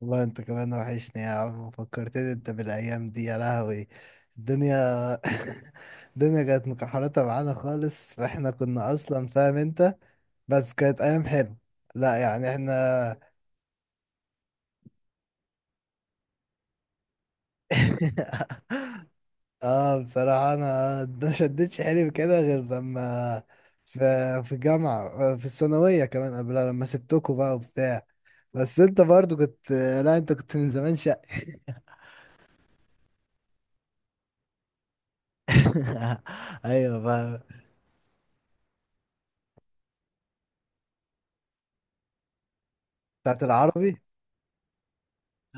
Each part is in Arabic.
والله انت كمان وحشني يا عم، فكرتني انت بالايام دي، يا لهوي الدنيا. الدنيا كانت مكحرتة معانا خالص، فاحنا كنا اصلا فاهم انت. بس كانت ايام حلوه. لا يعني احنا. اه بصراحه انا ما شدتش حيلي كده غير لما في في الجامعه، في الثانويه كمان قبلها لما سبتكوا بقى وبتاع. بس انت برضو كنت. لا، انت كنت من زمان شقي. ايوه بقى. بتاعت العربي.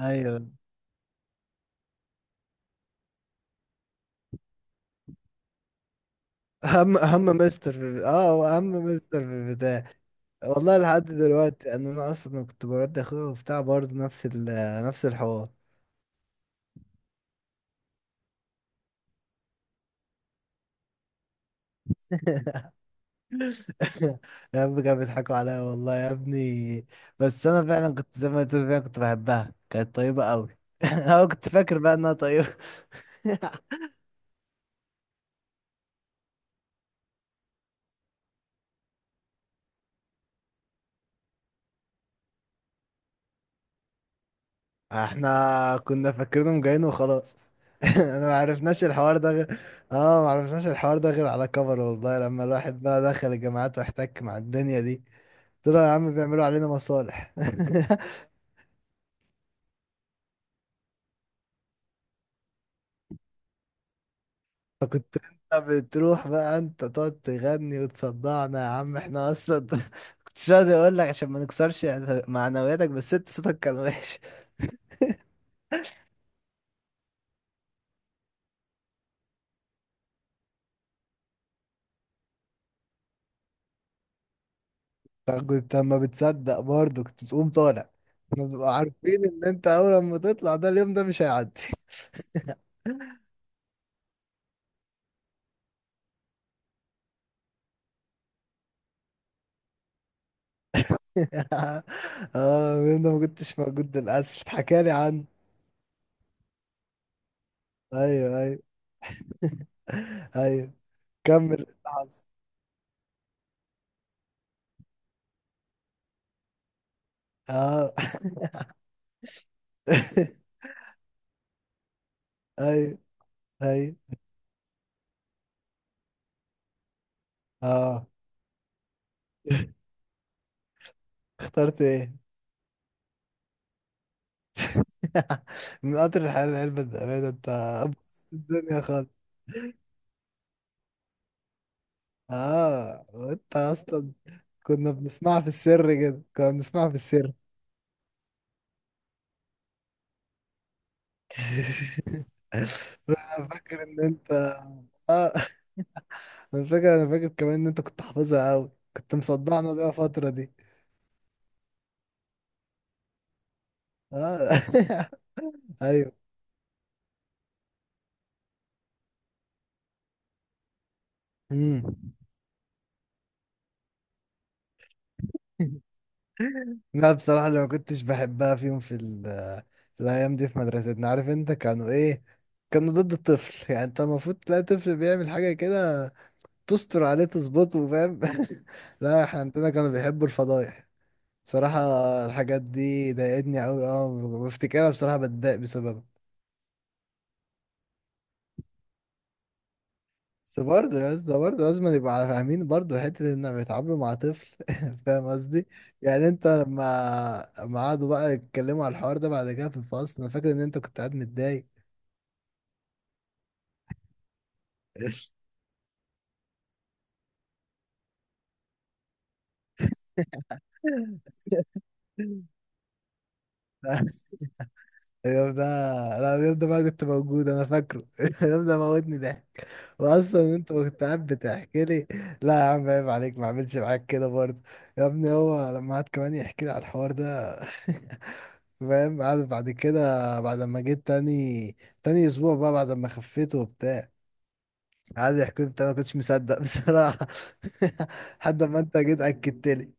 ايوه، اهم مستر في، هو اهم مستر في البتاع. والله لحد دلوقتي ان انا اصلا كنت برد اخويا وبتاع برضه نفس ال نفس الحوار. يا ابني كانوا بيضحكوا عليا والله يا ابني. بس انا فعلا كنت زي ما تقول، فعلا كنت بحبها، كانت طيبة قوي. انا كنت فاكر بقى انها طيبة. احنا كنا فاكرينهم جايين وخلاص. انا ما عرفناش الحوار ده غير. اه، ما عرفناش الحوار ده غير على كبر والله، لما الواحد بقى دخل الجامعات واحتك مع الدنيا دي. طلعوا يا عم بيعملوا علينا مصالح. فكنت انت بتروح بقى انت تقعد تغني وتصدعنا يا عم، احنا اصلا. كنتش راضي اقول لك عشان ما نكسرش معنوياتك، بس انت صوتك كان وحش. فكنت اما بتصدق برضه كنت بتقوم طالع. احنا بنبقى عارفين ان انت اول ما تطلع ده، اليوم ده مش هيعدي. اه، انا ما كنتش موجود للاسف، اتحكى لي عنه. ايوه ايوه. ايوه. كمل الحظ. اه. ايوه ايوه. اه. اخترت ايه. من قطر الحياة لعلبة الأمانة انت. بص الدنيا خالص. اه وانت اصلا كنا بنسمعها في السر كده، كنا بنسمعها في السر. انا فاكر ان انت. اه. انا فاكر، كمان ان انت كنت حافظها قوي، كنت مصدعنا بيها فترة دي. آه. ايوه. امم. لا بصراحة اللي ما كنتش بحبها فيهم في الأيام دي في مدرستنا، عارف أنت كانوا إيه؟ كانوا ضد الطفل. يعني أنت المفروض تلاقي طفل بيعمل حاجة كده تستر عليه، تظبطه، فاهم. لا، إحنا عندنا كانوا بيحبوا الفضايح. بصراحة الحاجات دي ضايقتني أوي، أه بفتكرها بصراحة بتضايق بسببها. بس برضه يا اسطى برضه لازم يبقى فاهمين برضه حتة إن بيتعاملوا مع طفل. فاهم قصدي؟ يعني أنت لما قعدوا بقى يتكلموا على الحوار ده بعد كده في الفصل، أنا فاكر إن أنت كنت قاعد متضايق. اليوم ده. لا اليوم ده بقى كنت موجود أنا، فاكره. اليوم ده موتني ضحك. وأصلا أنت كنت قاعد بتحكي لي. لا يا عم عيب عليك، ما عملش معاك كده برضه. يا ابني هو لما قعد كمان يحكي لي على الحوار ده. فاهم، عارف بعد كده، بعد ما جيت تاني، تاني اسبوع بقى بعد ما خفيت وبتاع، قعد يحكي لي بتاع، انا ما كنتش مصدق بصراحه. لحد ما انت جيت اكدت لي.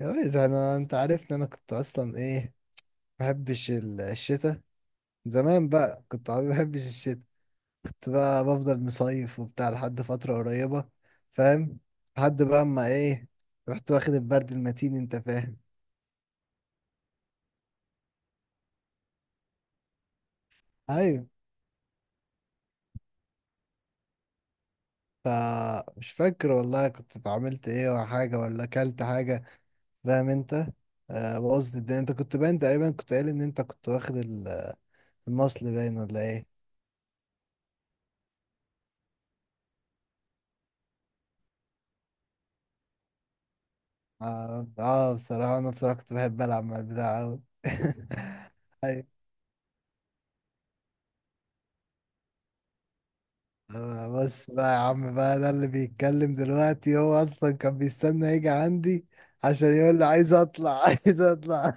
يا ريس انا، انت عارفني انا كنت اصلا ايه، ما بحبش الشتاء. زمان بقى كنت ما بحبش الشتاء، كنت بقى بفضل مصيف وبتاع لحد فتره قريبه، فاهم. لحد بقى اما ايه رحت واخد البرد المتين انت فاهم. ايوه. فمش فاكر والله كنت اتعاملت ايه ولا حاجة، ولا اكلت حاجة، فاهم انت. آه، بوظت الدنيا، انت كنت باين تقريبا كنت قايل ان انت كنت واخد المصل باين ولا ايه. اه، آه، بصراحة انا بصراحة كنت بحب العب مع البتاع اوي. أيوة. آه، بس بقى يا عم بقى ده اللي بيتكلم دلوقتي هو اصلا كان بيستنى يجي عندي عشان يقول لي عايز اطلع. عايز اطلع.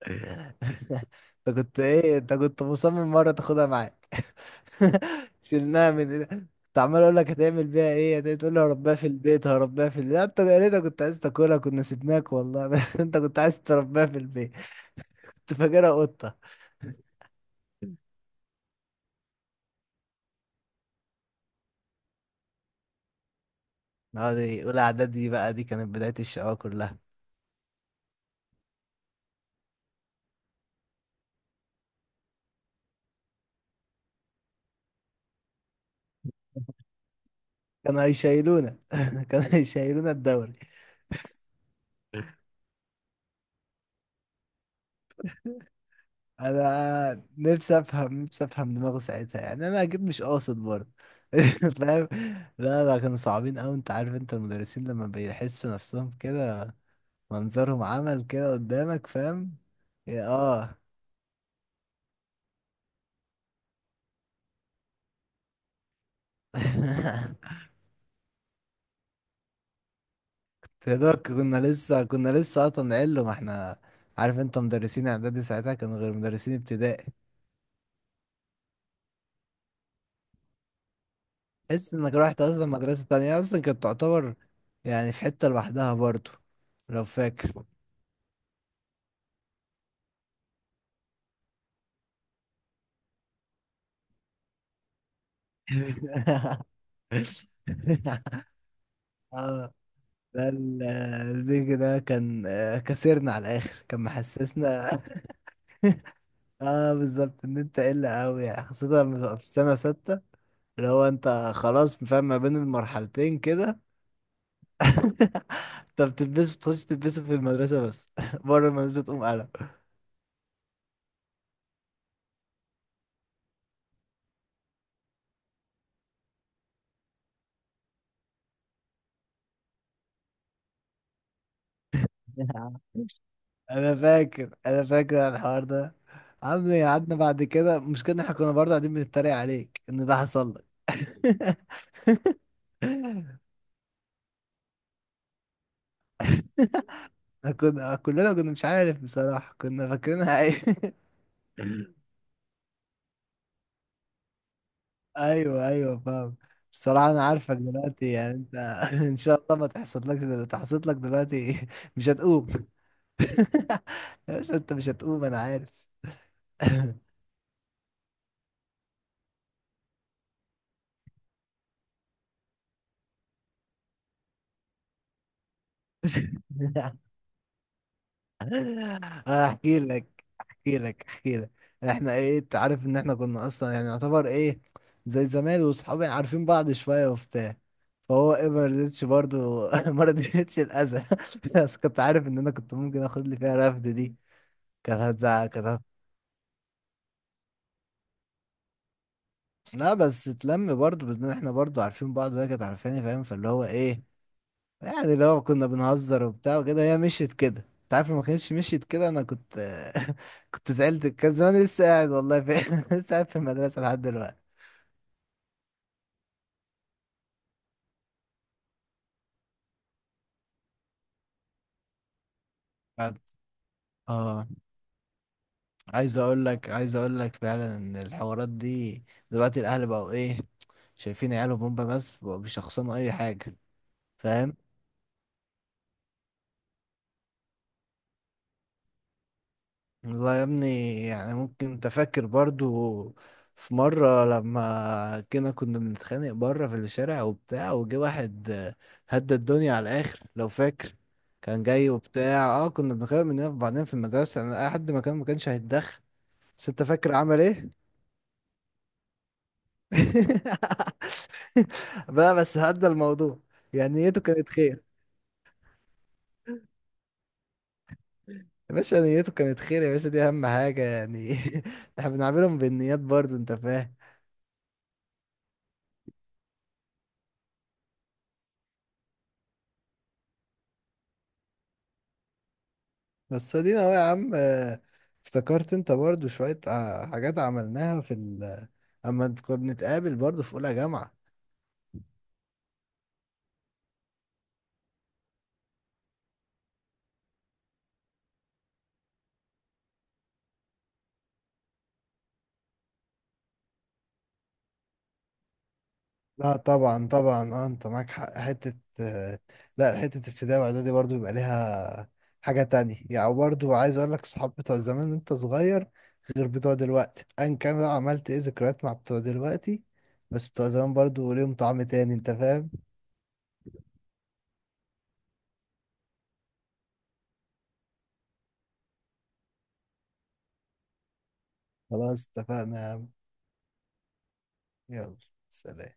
انت كنت ايه، انت كنت مصمم مرة تاخدها معاك. شلناها من ايدك. كنت عمال اقول لك هتعمل بيها ايه، هتقول تقول لي هربيها في البيت، هربيها في البيت. لا، انت يا ريتك كنت عايز تاكلها، كنا سيبناك والله. بس انت كنت عايز تربيها في البيت. كنت فاكرها قطة. اه دي اولى اعدادي بقى، دي كانت بداية الشقاوة كلها. كانوا هيشيلونا. كانوا هيشيلونا الدوري. انا نفسي افهم، نفسي افهم دماغه ساعتها، يعني انا اكيد مش قاصد برضه. فاهم. لا، كانوا صعبين قوي، انت عارف انت المدرسين لما بيحسوا نفسهم كده منظرهم عمل كده قدامك فاهم. يا اه. يا دوب كنا لسه، كنا لسه اصلا علو ما احنا، عارف انت مدرسين اعدادي ساعتها كانوا غير مدرسين ابتدائي. تحس انك رحت اصلا مدرسة تانية، اصلا كانت تعتبر يعني في حتة لوحدها برضه، لو فاكر. اه. ده ال- البيج ده كان آه، كسرنا على الاخر، كان محسسنا. اه بالظبط ان انت قلة قوي، يعني خاصة لما تبقى في سنة ستة، اللي هو انت خلاص فاهم ما بين المرحلتين كده. انت بتلبسه، بتخش تلبسه في المدرسة بس. بره المدرسة تقوم قلم. انا فاكر، على الحوار ده. عامل ايه، قعدنا بعد كده مشكلة إن احنا كنا برضه قاعدين بنتريق عليك ان ده حصل لك. كنا كلنا كنا، مش عارف بصراحة كنا فاكرينها أي... أيوه أيوه فاهم. بصراحة أنا عارفك دلوقتي، يعني أنت، إن شاء الله ما تحصل لك دلوقتي، تحصل لك دلوقتي مش هتقوم. يا باشا أنت مش هتقوم أنا عارف. أحكي لك. إحنا إيه، أنت عارف إن إحنا كنا أصلا يعني يعتبر إيه، زي زمان وصحابي عارفين بعض شوية وبتاع. فهو ايه ما رضيتش برضه. ما رضيتش الاذى. بس كنت عارف ان انا كنت ممكن اخد لي فيها رفد دي، كانت هتزعق، كانت هت... لا بس اتلم برضه بان احنا برضه عارفين بعض، وهي كانت عارفاني فاهم، فاللي هو ايه يعني، لو كنا بنهزر وبتاع وكده هي مشيت كده، انت عارف لو ما كانتش مشيت كده انا كنت. كنت زعلت، كان زماني لسه قاعد والله في... لسه قاعد في المدرسة لحد دلوقتي. بعد- اه عايز اقول لك، فعلا ان الحوارات دي دلوقتي الاهل بقوا ايه شايفين عيالهم، هم بس بيشخصنوا اي حاجة، فاهم. والله يا ابني، يعني ممكن تفكر برضو في مرة لما كنا، بنتخانق بره في الشارع وبتاع وجه واحد آه، هدى الدنيا على الآخر، لو فاكر. كان جاي وبتاع اه كنا بنخانق مننا في بعضنا في المدرسة انا، لحد ما كان، ما كانش هيتدخل. بس انت فاكر عمل ايه؟ بقى بس هدى الموضوع، يعني نيته كانت خير. يا باشا نيته كانت خير، يا باشا دي اهم حاجة يعني. احنا بنعملهم بالنيات برضو انت فاهم. بس ادينا اهو يا عم، آه، افتكرت انت برضو شوية آه، حاجات عملناها في ال اما كنا بنتقابل برضو في اولى جامعة. لا طبعا طبعا، اه انت معاك حق حتة آه، لا حتة ابتدائي واعدادي برضو بيبقى ليها حاجة تانية. يعني برضو عايز اقول لك صحاب بتوع زمان وانت صغير غير بتوع دلوقتي، ان كان بقى عملت ايه ذكريات مع بتوع دلوقتي، بس بتوع زمان برضو ليهم طعم تاني انت فاهم. خلاص اتفقنا يا عم. يلا، سلام.